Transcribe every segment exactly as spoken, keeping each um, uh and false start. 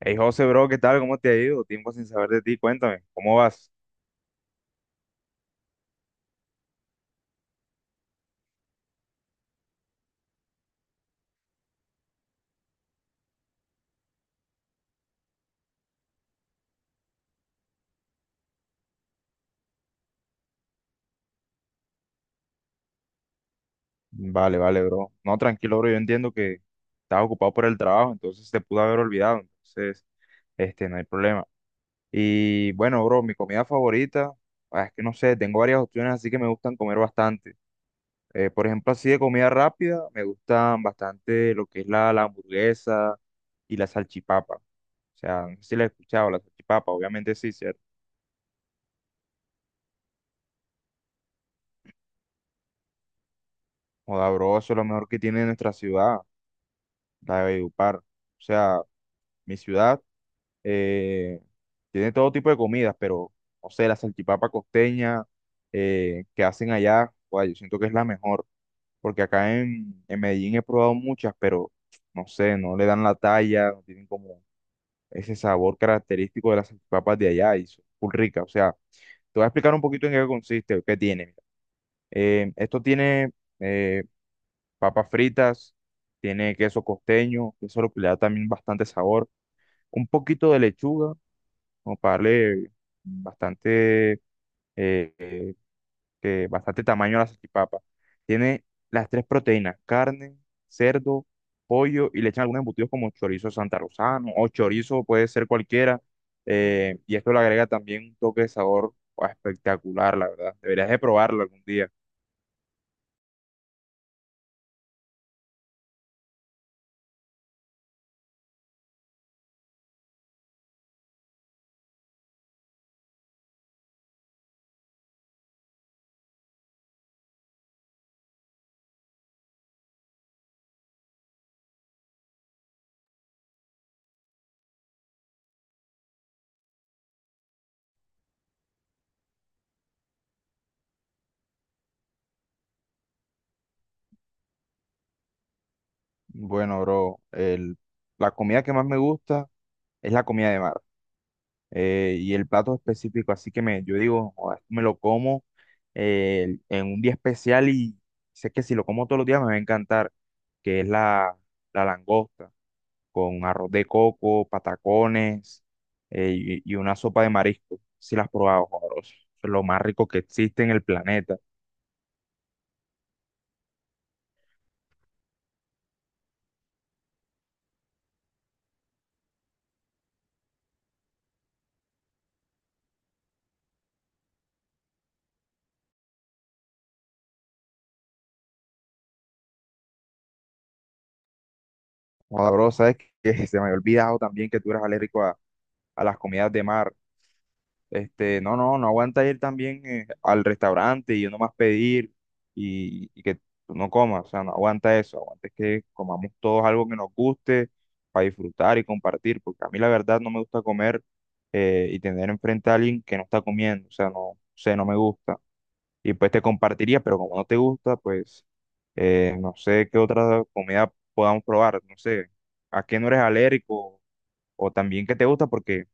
Hey José, bro, ¿qué tal? ¿Cómo te ha ido? Tiempo sin saber de ti, cuéntame, ¿cómo vas? Vale, vale, bro. No, tranquilo, bro, yo entiendo que estás ocupado por el trabajo, entonces te pude haber olvidado. Entonces, este, no hay problema. Y bueno, bro, mi comida favorita, ah, es que no sé, tengo varias opciones, así que me gustan comer bastante. Eh, por ejemplo, así de comida rápida, me gustan bastante lo que es la, la hamburguesa y la salchipapa. O sea, no sé si la he escuchado, la salchipapa, obviamente sí, ¿cierto? Joda, bro, eso es lo mejor que tiene nuestra ciudad de Valledupar. O sea, mi ciudad eh, tiene todo tipo de comidas, pero no sé, la salchipapa costeña eh, que hacen allá, guay, yo siento que es la mejor, porque acá en, en Medellín he probado muchas, pero no sé, no le dan la talla, no tienen como ese sabor característico de las salchipapas de allá y son full ricas. O sea, te voy a explicar un poquito en qué consiste, qué tiene. Eh, esto tiene eh, papas fritas, tiene queso costeño, eso le da también bastante sabor, un poquito de lechuga, como para darle bastante, eh, eh, que bastante tamaño a la salchipapa. Tiene las tres proteínas: carne, cerdo, pollo, y le echan algunos embutidos como chorizo santarrosano o chorizo, puede ser cualquiera. Eh, y esto le agrega también un toque de sabor ah, espectacular, la verdad. Deberías de probarlo algún día. Bueno, bro, el- la comida que más me gusta es la comida de mar. Eh, y el plato específico, así que me, yo digo: "Joda, esto me lo como eh, en un día especial y sé que si lo como todos los días me va a encantar", que es la, la langosta con arroz de coco, patacones, eh, y, y una sopa de marisco. Si las has probado, joda, bro, eso es lo más rico que existe en el planeta. Joda, bro, sabes que se me había olvidado también que tú eres alérgico a, a las comidas de mar. Este, no, no, no aguanta ir también eh, al restaurante y yo nomás pedir y, y que tú no comas, o sea, no aguanta eso, aguanta es que comamos todos algo que nos guste, para disfrutar y compartir, porque a mí la verdad no me gusta comer eh, y tener enfrente a alguien que no está comiendo. O sea, no sé, no me gusta. Y pues te compartiría, pero como no te gusta, pues eh, no sé qué otra comida podamos probar, no sé, a qué no eres alérgico o también qué te gusta, porque...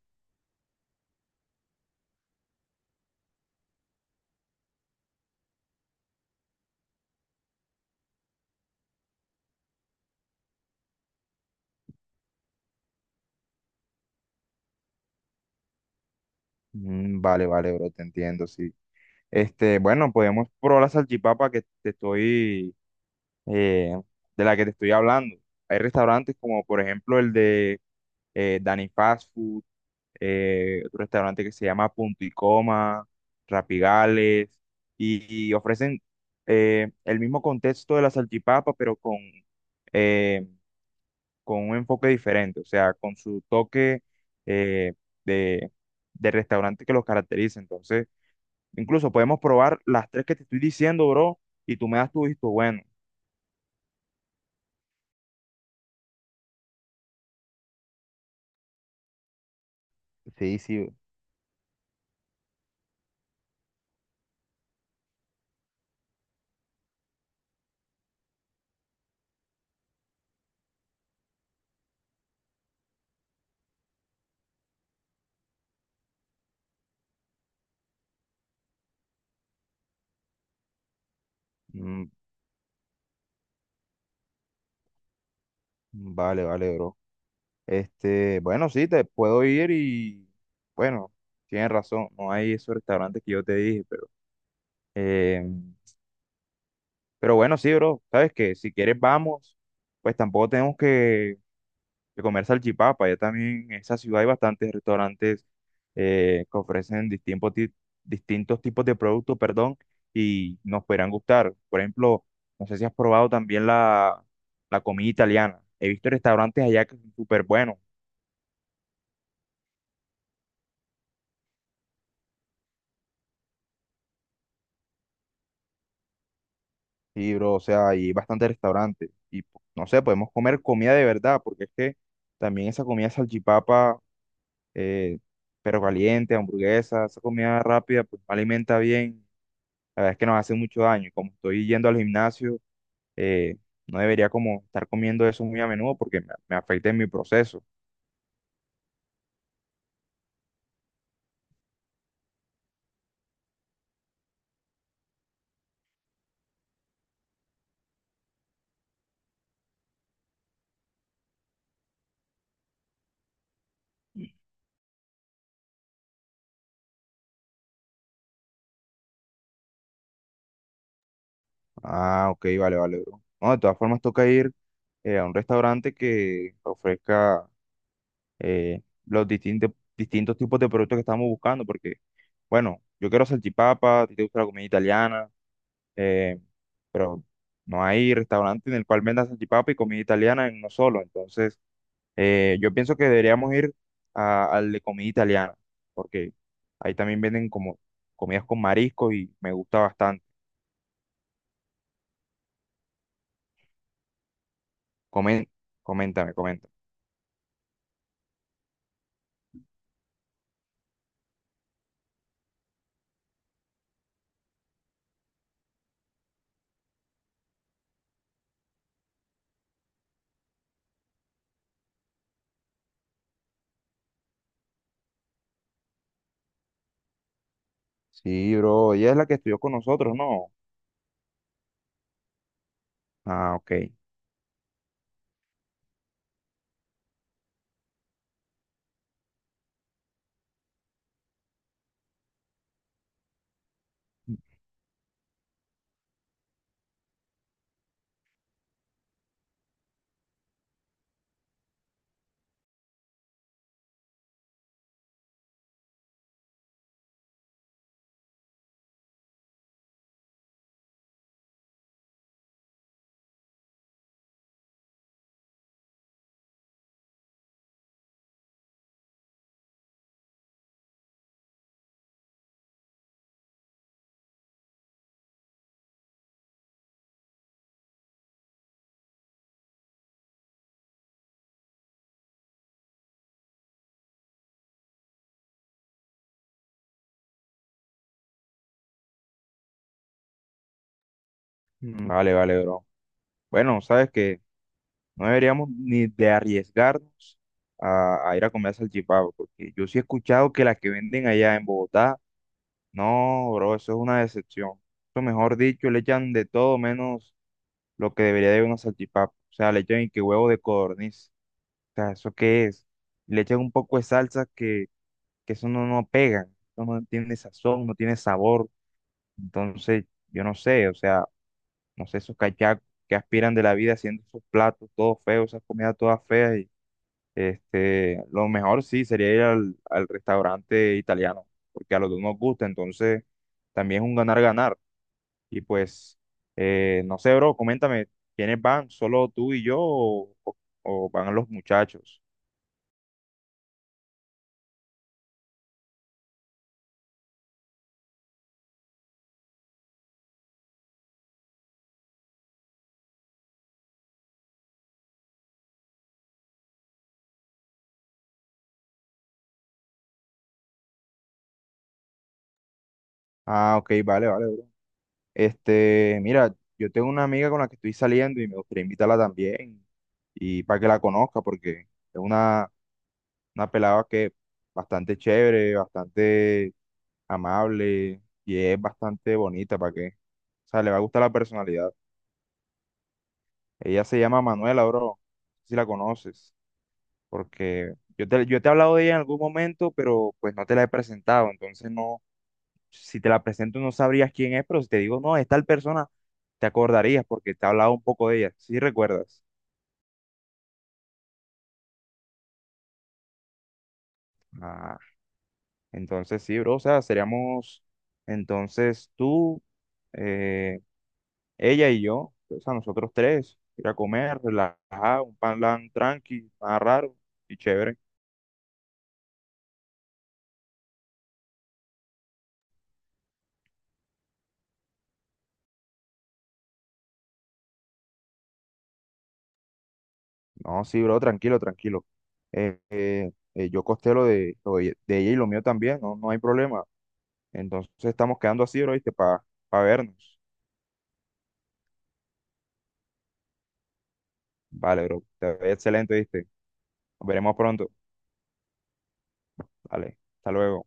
Mm, vale, vale, bro, te entiendo, sí. Este, bueno, podemos probar la salchipapa que te estoy, eh, de la que te estoy hablando. Hay restaurantes como, por ejemplo, el de eh, Dani Fast Food, eh, otro restaurante que se llama Punto y Coma, Rapigales, y, y ofrecen eh, el mismo contexto de la salchipapa, pero con, eh, con un enfoque diferente, o sea, con su toque eh, de, de restaurante que los caracteriza. Entonces, incluso podemos probar las tres que te estoy diciendo, bro, y tú me das tu visto bueno. Sí, sí. Mm, vale, vale, bro. Este, bueno, sí, te puedo ir y, bueno, tienes razón, no hay esos restaurantes que yo te dije, pero eh, pero bueno, sí, bro, sabes que si quieres vamos, pues tampoco tenemos que de comer salchipapa. Ya también en esa ciudad hay bastantes restaurantes eh, que ofrecen distintos, ti- distintos tipos de productos, perdón, y nos podrán gustar. Por ejemplo, no sé si has probado también la, la comida italiana. He visto restaurantes allá que son súper buenos. Y, bro, o sea, hay bastantes restaurantes. Y, po- no sé, podemos comer comida de verdad, porque es que también esa comida salchipapa, eh, pero caliente, hamburguesa, esa comida rápida, pues no alimenta bien. La verdad es que nos hace mucho daño. Y como estoy yendo al gimnasio, eh, no debería como estar comiendo eso muy a menudo porque me, me afecta en mi proceso. Ah, ok, vale, vale, bro. No, de todas formas toca ir eh, a un restaurante que ofrezca eh, los distintos, distintos tipos de productos que estamos buscando, porque, bueno, yo quiero salchipapa, a ti te gusta la comida italiana, eh, pero no hay restaurante en el cual venda salchipapa y comida italiana en uno solo. Entonces, Eh, yo pienso que deberíamos ir a- al de comida italiana, porque ahí también venden como comidas con marisco y me gusta bastante. Comen, Coméntame, coméntame. Sí, bro, ella es la que estudió con nosotros, ¿no? Ah, ok. Mm, vale, vale, bro. Bueno, sabes que no deberíamos ni de arriesgarnos a, a ir a comer salchipapa, porque yo sí he escuchado que las que venden allá en Bogotá, no, bro, eso es una decepción. Eso, mejor dicho, le echan de todo menos lo que debería de una salchipapa. O sea, le echan y que huevo de codorniz. O sea, ¿eso qué es? Le echan un poco de salsa que, que eso no, no pega, no, no tiene sazón, no tiene sabor. Entonces, yo no sé, o sea, no sé esos cachacos que aspiran de la vida haciendo esos platos todos feos, esas comidas todas feas. Y, este, lo mejor sí sería ir al, al restaurante italiano, porque a los dos nos gusta, entonces también es un ganar-ganar. Y pues, eh, no sé, bro, coméntame, ¿quiénes van? ¿Solo tú y yo, o, o- o van los muchachos? Ah, ok, vale, vale, bro. Este, mira, yo tengo una amiga con la que estoy saliendo y me gustaría invitarla también, y para que la conozca, porque es una, una pelada que bastante chévere, bastante amable y es bastante bonita, ¿para qué? O sea, le va a gustar la personalidad. Ella se llama Manuela, bro, no sé si la conoces, porque yo te, yo te he hablado de ella en algún momento, pero pues no te la he presentado, entonces no, si te la presento no sabrías quién es, pero si te digo, no, es tal persona, te acordarías porque te he hablado un poco de ella, ¿si recuerdas? Ah, entonces sí, bro, o sea, seríamos entonces tú, eh, ella y yo, o sea, nosotros tres, ir a comer, relajar, un pan lan tranqui, más raro y chévere. No, sí, bro, tranquilo, tranquilo. Eh, eh, eh, yo costé lo de, lo de de ella y lo mío también, no, no hay problema. Entonces estamos quedando así, bro, ¿viste? Para vernos. Vale, bro, te ve excelente, ¿viste? Nos veremos pronto. Vale, hasta luego.